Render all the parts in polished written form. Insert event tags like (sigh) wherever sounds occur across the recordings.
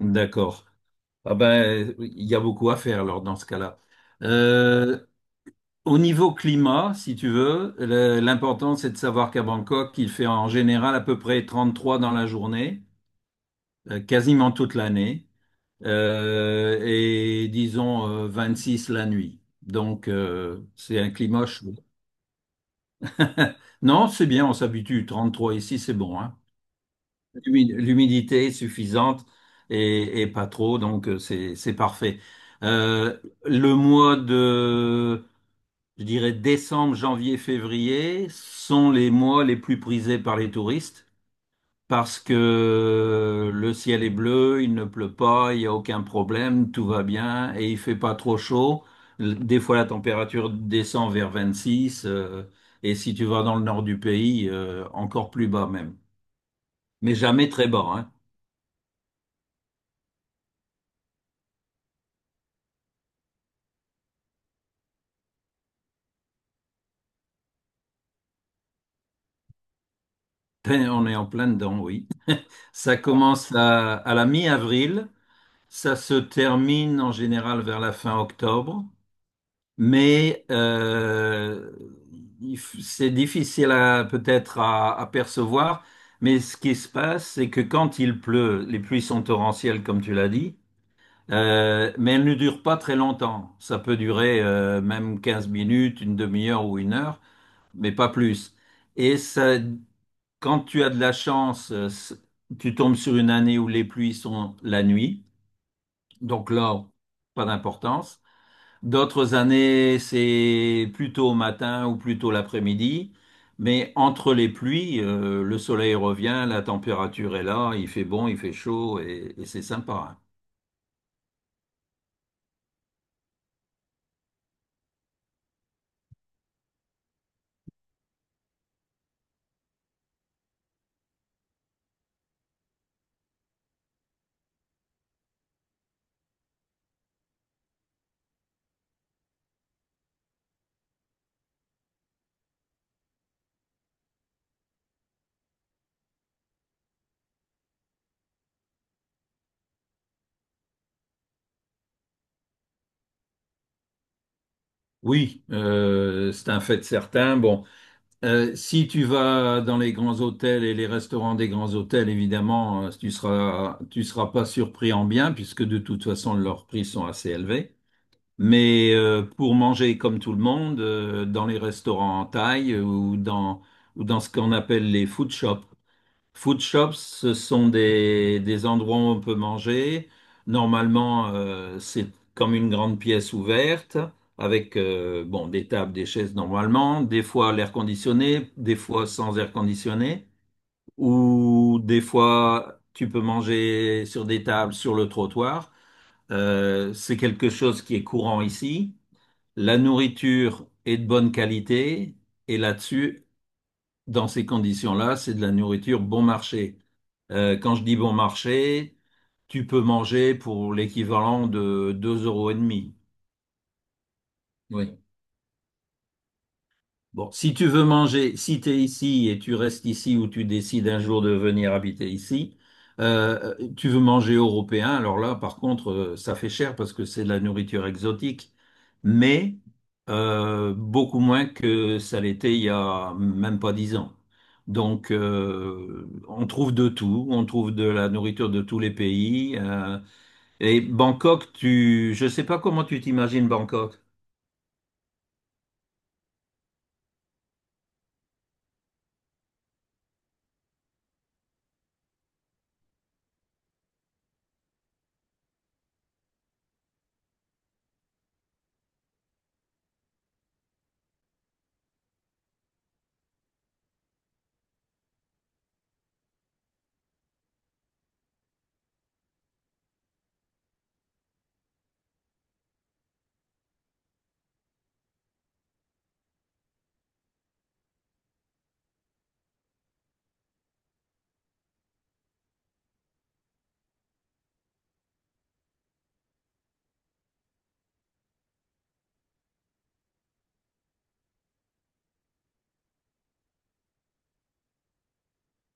D'accord. Ah ben, il y a beaucoup à faire alors dans ce cas-là. Euh, Au niveau climat, si tu veux, l'important c'est de savoir qu'à Bangkok, il fait en général à peu près 33 dans la journée, quasiment toute l'année, et disons six la nuit. Donc c'est un climat chaud. (laughs) Non, c'est bien, on s'habitue. 33 ici, c'est bon, hein. L'humidité est suffisante et pas trop, donc c'est parfait. Euh, le mois de, je dirais, décembre, janvier, février sont les mois les plus prisés par les touristes parce que le ciel est bleu, il ne pleut pas, il n'y a aucun problème, tout va bien et il fait pas trop chaud. Des fois, la température descend vers 26 et si tu vas dans le nord du pays, encore plus bas même. Mais jamais très bas, hein. Ben, on est en plein dedans, oui. Ça Ouais. commence à la mi-avril, ça se termine en général vers la fin octobre, mais c'est difficile à peut-être à percevoir. Mais ce qui se passe, c'est que quand il pleut, les pluies sont torrentielles, comme tu l'as dit, mais elles ne durent pas très longtemps. Ça peut durer même 15 minutes, une demi-heure ou une heure, mais pas plus. Et ça. Quand tu as de la chance, tu tombes sur une année où les pluies sont la nuit. Donc là, pas d'importance. D'autres années, c'est plutôt au matin ou plutôt l'après-midi. Mais entre les pluies, le soleil revient, la température est là, il fait bon, il fait chaud et c'est sympa, hein. Oui, c'est un fait certain. Bon. Si tu vas dans les grands hôtels et les restaurants des grands hôtels, évidemment, tu seras pas surpris en bien, puisque de toute façon, leurs prix sont assez élevés. Mais pour manger comme tout le monde, dans les restaurants en Thaï ou dans ce qu'on appelle les food shops. Food shops, ce sont des endroits où on peut manger. Normalement, c'est comme une grande pièce ouverte avec des tables, des chaises normalement, des fois à l'air conditionné, des fois sans air conditionné, ou des fois tu peux manger sur des tables, sur le trottoir. C'est quelque chose qui est courant ici. La nourriture est de bonne qualité et là-dessus, dans ces conditions-là, c'est de la nourriture bon marché. Quand je dis bon marché, tu peux manger pour l'équivalent de 2 euros et demi. Bon, si tu veux manger, si tu es ici et tu restes ici ou tu décides un jour de venir habiter ici, tu veux manger européen, alors là, par contre, ça fait cher parce que c'est de la nourriture exotique, mais beaucoup moins que ça l'était il y a même pas 10 ans. Donc, on trouve de tout, on trouve de la nourriture de tous les pays, et Bangkok, tu, je sais pas comment tu t'imagines Bangkok.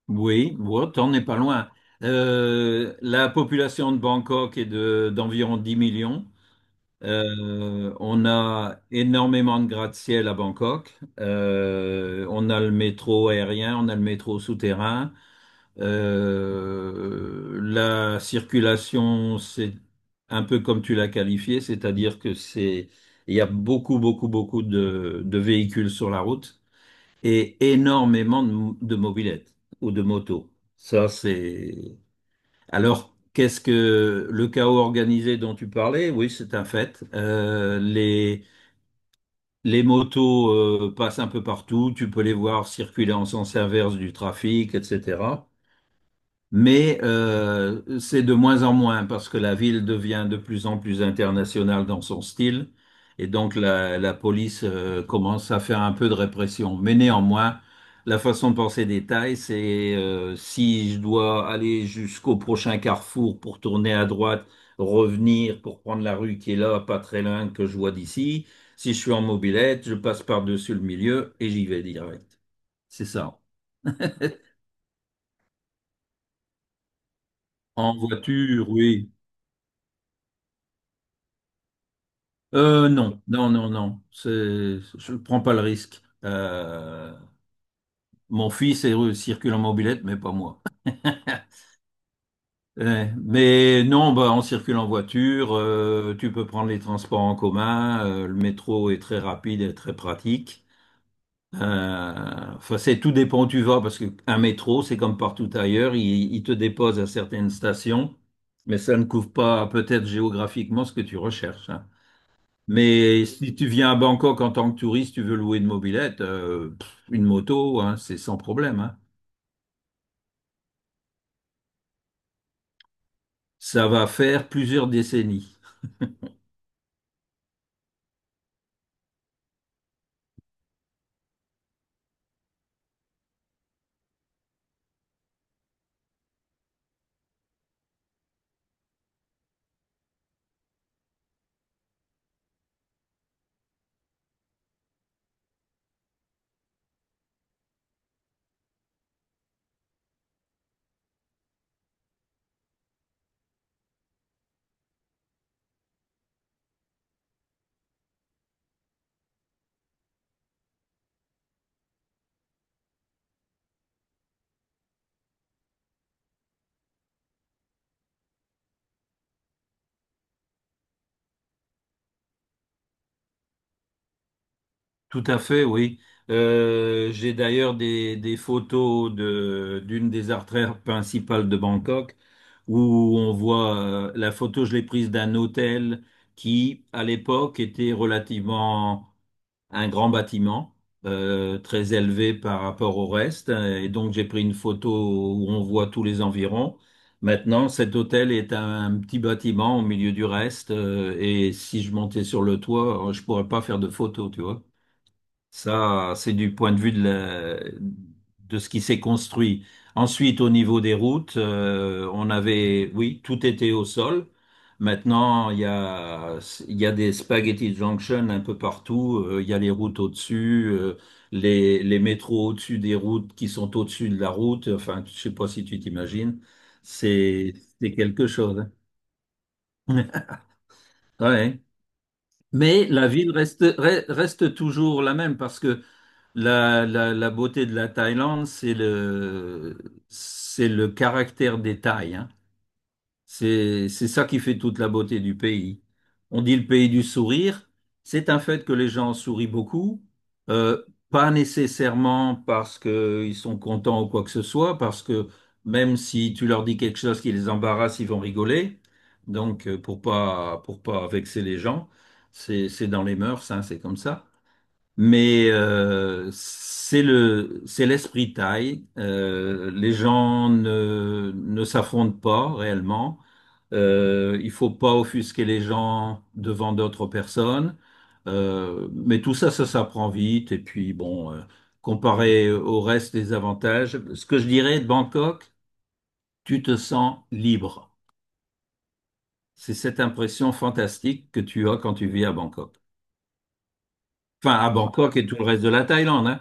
Oui, bon, t'en es pas loin. La population de Bangkok est d'environ 10 millions. On a énormément de gratte-ciel à Bangkok. On a le métro aérien, on a le métro souterrain. La circulation, c'est un peu comme tu l'as qualifié, il y a beaucoup, beaucoup, beaucoup de véhicules sur la route et énormément de mobylettes ou de motos. Ça, c'est... Alors, qu'est-ce que le chaos organisé dont tu parlais? Oui, c'est un fait. Les motos passent un peu partout, tu peux les voir circuler en sens inverse du trafic, etc. Mais c'est de moins en moins parce que la ville devient de plus en plus internationale dans son style et donc la police commence à faire un peu de répression. Mais néanmoins, la façon de penser des Thaïs, c'est si je dois aller jusqu'au prochain carrefour pour tourner à droite, revenir pour prendre la rue qui est là, pas très loin que je vois d'ici. Si je suis en mobilette, je passe par-dessus le milieu et j'y vais direct. C'est ça. En voiture, oui. Non, non, non, non. Je ne prends pas le risque. Mon fils circule en mobilette, mais pas moi. Eh, mais non, bah, on circule en voiture. Tu peux prendre les transports en commun. Le métro est très rapide et très pratique. Enfin, c'est tout dépend où tu vas, parce qu'un métro, c'est comme partout ailleurs, il te dépose à certaines stations, mais ça ne couvre pas peut-être géographiquement ce que tu recherches, hein. Mais si tu viens à Bangkok en tant que touriste, tu veux louer une mobilette, une moto, hein, c'est sans problème, hein. Ça va faire plusieurs décennies. Tout à fait, oui. J'ai d'ailleurs des photos d'une des artères principales de Bangkok où on voit la photo, je l'ai prise d'un hôtel qui, à l'époque, était relativement un grand bâtiment très élevé par rapport au reste. Et donc j'ai pris une photo où on voit tous les environs. Maintenant, cet hôtel est un petit bâtiment au milieu du reste. Et si je montais sur le toit, je pourrais pas faire de photo, tu vois. Ça, c'est du point de vue de ce qui s'est construit. Ensuite, au niveau des routes, on avait, oui, tout était au sol. Maintenant, il y a des spaghetti junction un peu partout. Il y a les routes au-dessus, les métros au-dessus des routes qui sont au-dessus de la route. Enfin, je sais pas si tu t'imagines. C'est, c'est quelque chose, hein. (laughs) Ouais. Mais la ville reste toujours la même parce que la beauté de la Thaïlande, c'est le caractère des Thaïs, hein. C'est ça qui fait toute la beauté du pays. On dit le pays du sourire. C'est un fait que les gens sourient beaucoup, euh, pas nécessairement parce qu'ils sont contents ou quoi que ce soit, parce que même si tu leur dis quelque chose qui les embarrasse, ils vont rigoler. Donc, pour pas vexer les gens, c'est dans les mœurs, hein, c'est comme ça. Mais c'est l'esprit thaï. Les gens ne s'affrontent pas réellement. Il faut pas offusquer les gens devant d'autres personnes. Mais tout ça, ça s'apprend vite. Et puis, bon, comparé au reste des avantages, ce que je dirais de Bangkok, tu te sens libre. C'est cette impression fantastique que tu as quand tu vis à Bangkok. Enfin, à Bangkok et tout le reste de la Thaïlande, hein.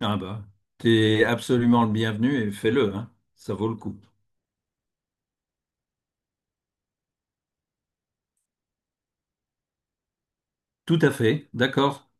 Ah bah, t'es absolument le bienvenu et fais-le, hein. Ça vaut le coup. Tout à fait, d'accord.